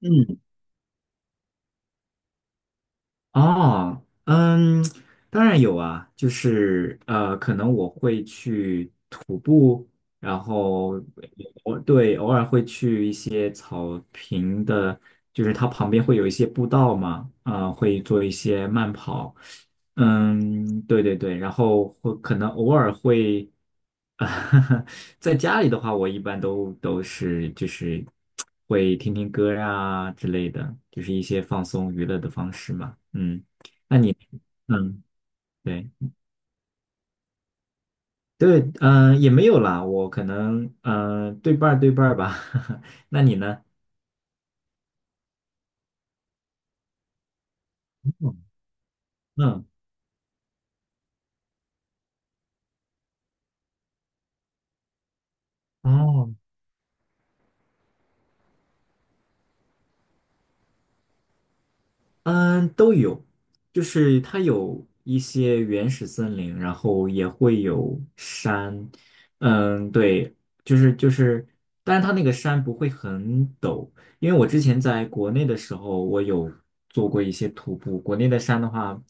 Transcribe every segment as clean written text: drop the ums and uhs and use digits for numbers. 嗯，哦，嗯，当然有啊，就是可能我会去徒步，然后我对偶尔会去一些草坪的，就是它旁边会有一些步道嘛，啊、会做一些慢跑，嗯，对对对，然后会可能偶尔会，啊，在家里的话，我一般都是就是会听听歌啊之类的，就是一些放松娱乐的方式嘛。嗯嗯，对对，也没有啦，我可能对半儿对半儿吧。那你呢？嗯，哦，嗯，都有，就是它有一些原始森林，然后也会有山，嗯，对，就是，但是它那个山不会很陡，因为我之前在国内的时候，我有做过一些徒步，国内的山的话，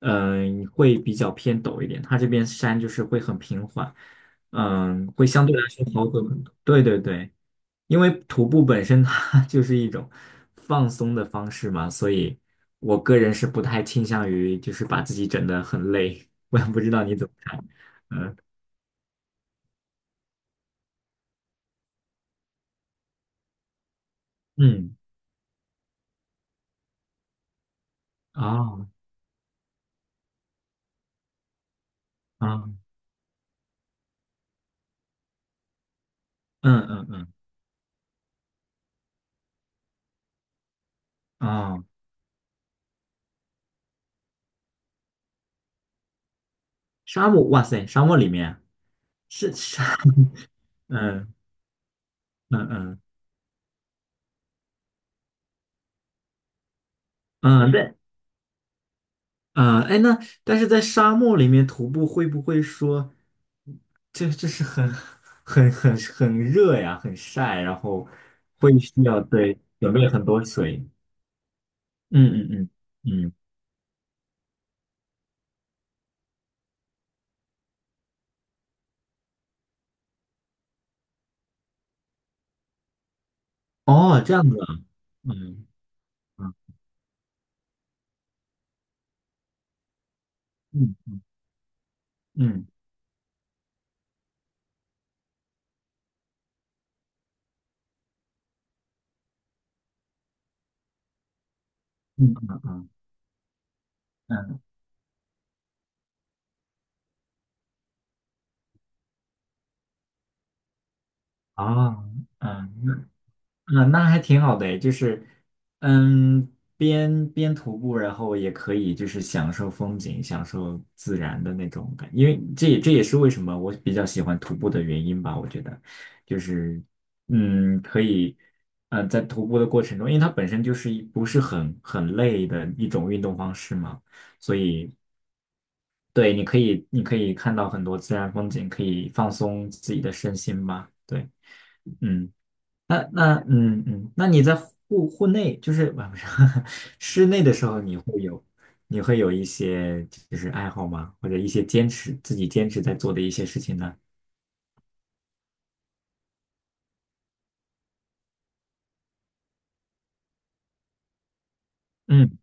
嗯，会比较偏陡一点，它这边山就是会很平缓，嗯，会相对来说好走很多，对对对。因为徒步本身它 就是一种放松的方式嘛，所以我个人是不太倾向于就是把自己整得很累。我也不知道你怎么看。嗯嗯哦啊嗯嗯嗯哦，沙漠哇塞，沙漠里面啊是沙嗯嗯嗯嗯，对啊，哎，那但是在沙漠里面徒步会不会说，这是很热呀，很晒，然后会需要准备很多水。嗯嗯嗯嗯，哦，这样子啊，嗯嗯嗯嗯嗯嗯嗯，嗯啊，嗯，嗯，那还挺好的诶，就是，嗯，边徒步，然后也可以就是享受风景，享受自然的那种感，因为这也是为什么我比较喜欢徒步的原因吧。我觉得，就是，嗯，可以，在徒步的过程中，因为它本身就是不是很累的一种运动方式嘛，所以对，你可以看到很多自然风景，可以放松自己的身心吧。对，嗯。那嗯嗯，那你在户内就是啊不是 室内的时候，你会有一些就是爱好吗？或者一些坚持自己坚持在做的一些事情呢？嗯，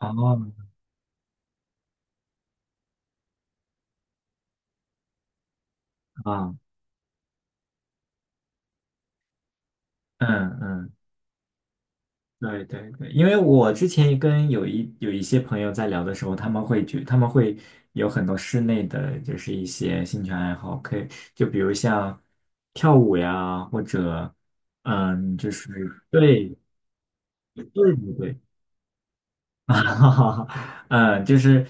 哦，啊，嗯嗯，对对对，因为我之前跟有一些朋友在聊的时候，他们会有很多室内的就是一些兴趣爱好，可以就比如像跳舞呀，或者嗯，就是对对对。啊，嗯，就是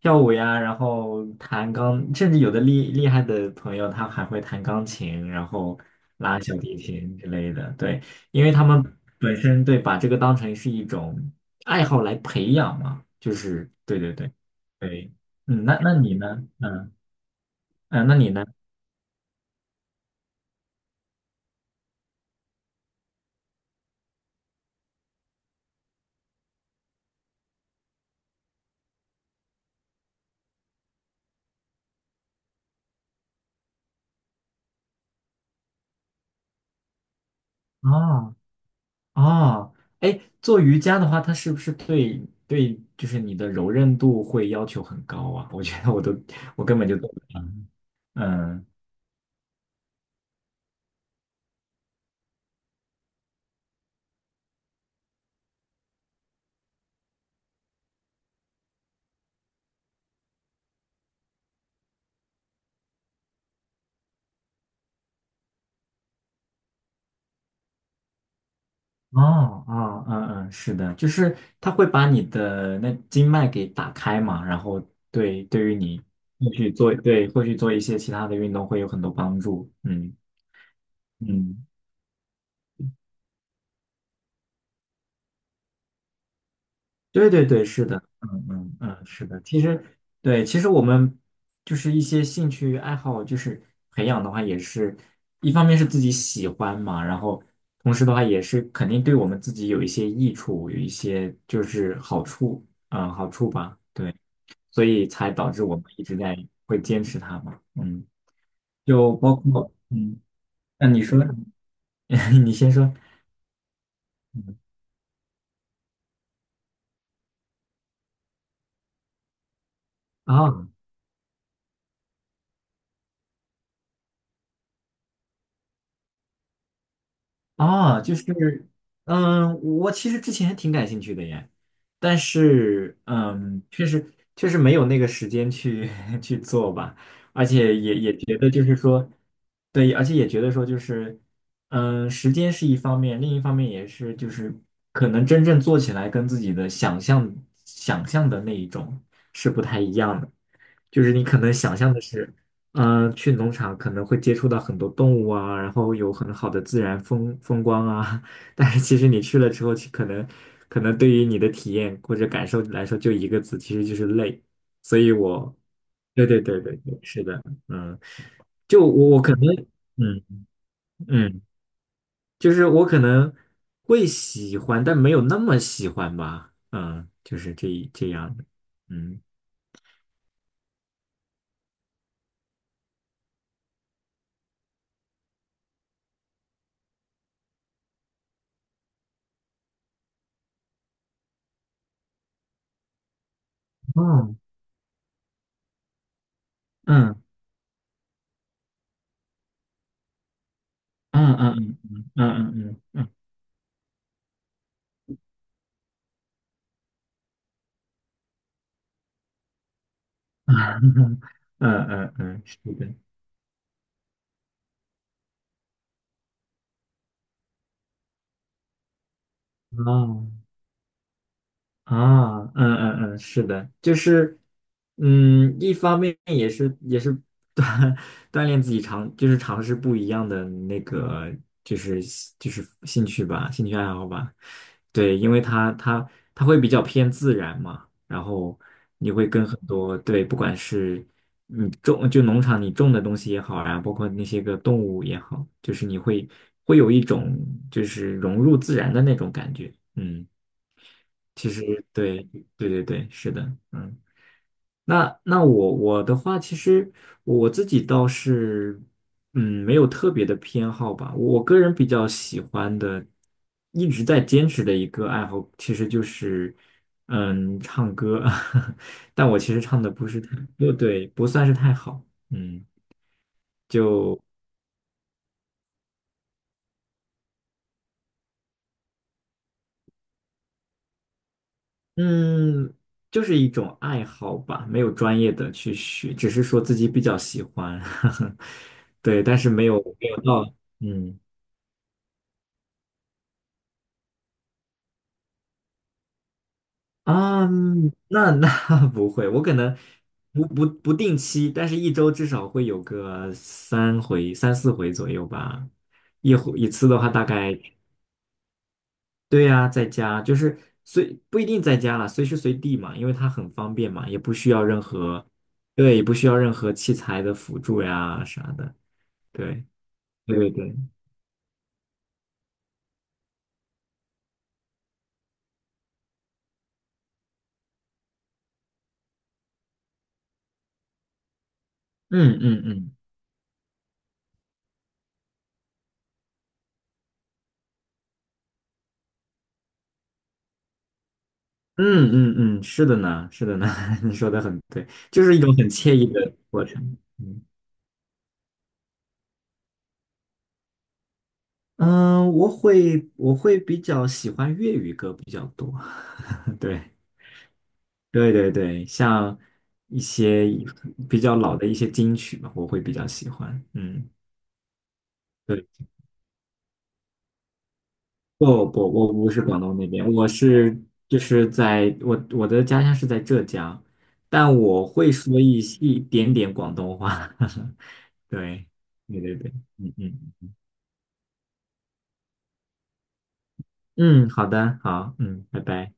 跳舞呀，然后甚至有的厉害的朋友，他还会弹钢琴，然后拉小提琴之类的。对，因为他们本身把这个当成是一种爱好来培养嘛，就是对对对对，嗯，那你呢？嗯嗯，那你呢？哦哦，哎，做瑜伽的话，它是不是对对，就是你的柔韧度会要求很高啊？我觉得我根本就。嗯，哦哦，嗯嗯，是的，就是它会把你的那经脉给打开嘛，然后对于你后续做一些其他的运动会有很多帮助。嗯嗯，对对对，是的，嗯嗯嗯，是的。其实我们就是一些兴趣爱好，就是培养的话，也是一方面是自己喜欢嘛，然后同时的话也是肯定对我们自己有一些益处，有一些就是好处，嗯，好处吧。对。所以才导致我们一直会坚持它嘛。嗯，就包括那你说，你先说。嗯，啊。啊，就是，嗯，我其实之前挺感兴趣的耶，但是，嗯，确实确实没有那个时间去 去做吧，而且也觉得就是说，对，而且也觉得说就是，嗯，时间是一方面，另一方面也是就是可能真正做起来跟自己的想象的那一种是不太一样的，就是你可能想象的是。去农场可能会接触到很多动物啊，然后有很好的自然风光啊，但是其实你去了之后，其可能可能对于你的体验或者感受来说，就一个字，其实就是累。所以我，对对对对对，是的，嗯，就我可能，嗯嗯，就是我可能会喜欢，但没有那么喜欢吧，嗯，就是这样的，嗯，哦，嗯嗯嗯嗯嗯嗯嗯嗯。嗯 嗯嗯嗯，是的，哦，啊，嗯嗯嗯，是的，就是，嗯，一方面也是 锻锻炼自己就是尝试不一样的那个，就是就是兴趣吧，兴趣爱好吧。对，因为它会比较偏自然嘛，然后你会跟很多，对，不管是你种就农场你种的东西也好，然后包括那些个动物也好，就是你会有一种就是融入自然的那种感觉，嗯。其实对对对对，是的，嗯，那我的话，其实我自己倒是，嗯，没有特别的偏好吧。我个人比较喜欢的，一直在坚持的一个爱好，其实就是，嗯，唱歌。但我其实唱的不是太，对对，不算是太好，嗯。就。嗯，就是一种爱好吧，没有专业的去学，只是说自己比较喜欢，呵呵对，但是没有到，嗯啊，那 不会，我可能不定期，但是一周至少会有个3回3、4回左右吧，一回一次的话大概，对呀，在家就是不一定在家了，随时随地嘛，因为它很方便嘛，也不需要任何，对，也不需要任何器材的辅助呀啥的。对对对对，嗯嗯嗯嗯嗯嗯，是的呢，是的呢，你说的很对，就是一种很惬意的过程。嗯嗯，我会比较喜欢粤语歌比较多，对对对对，像一些比较老的一些金曲嘛，我会比较喜欢。嗯，对，不不，我不是广东那边，就是在我的家乡是在浙江，但我会说一点点广东话。对，对对对，嗯嗯嗯，好的，好，嗯，拜拜。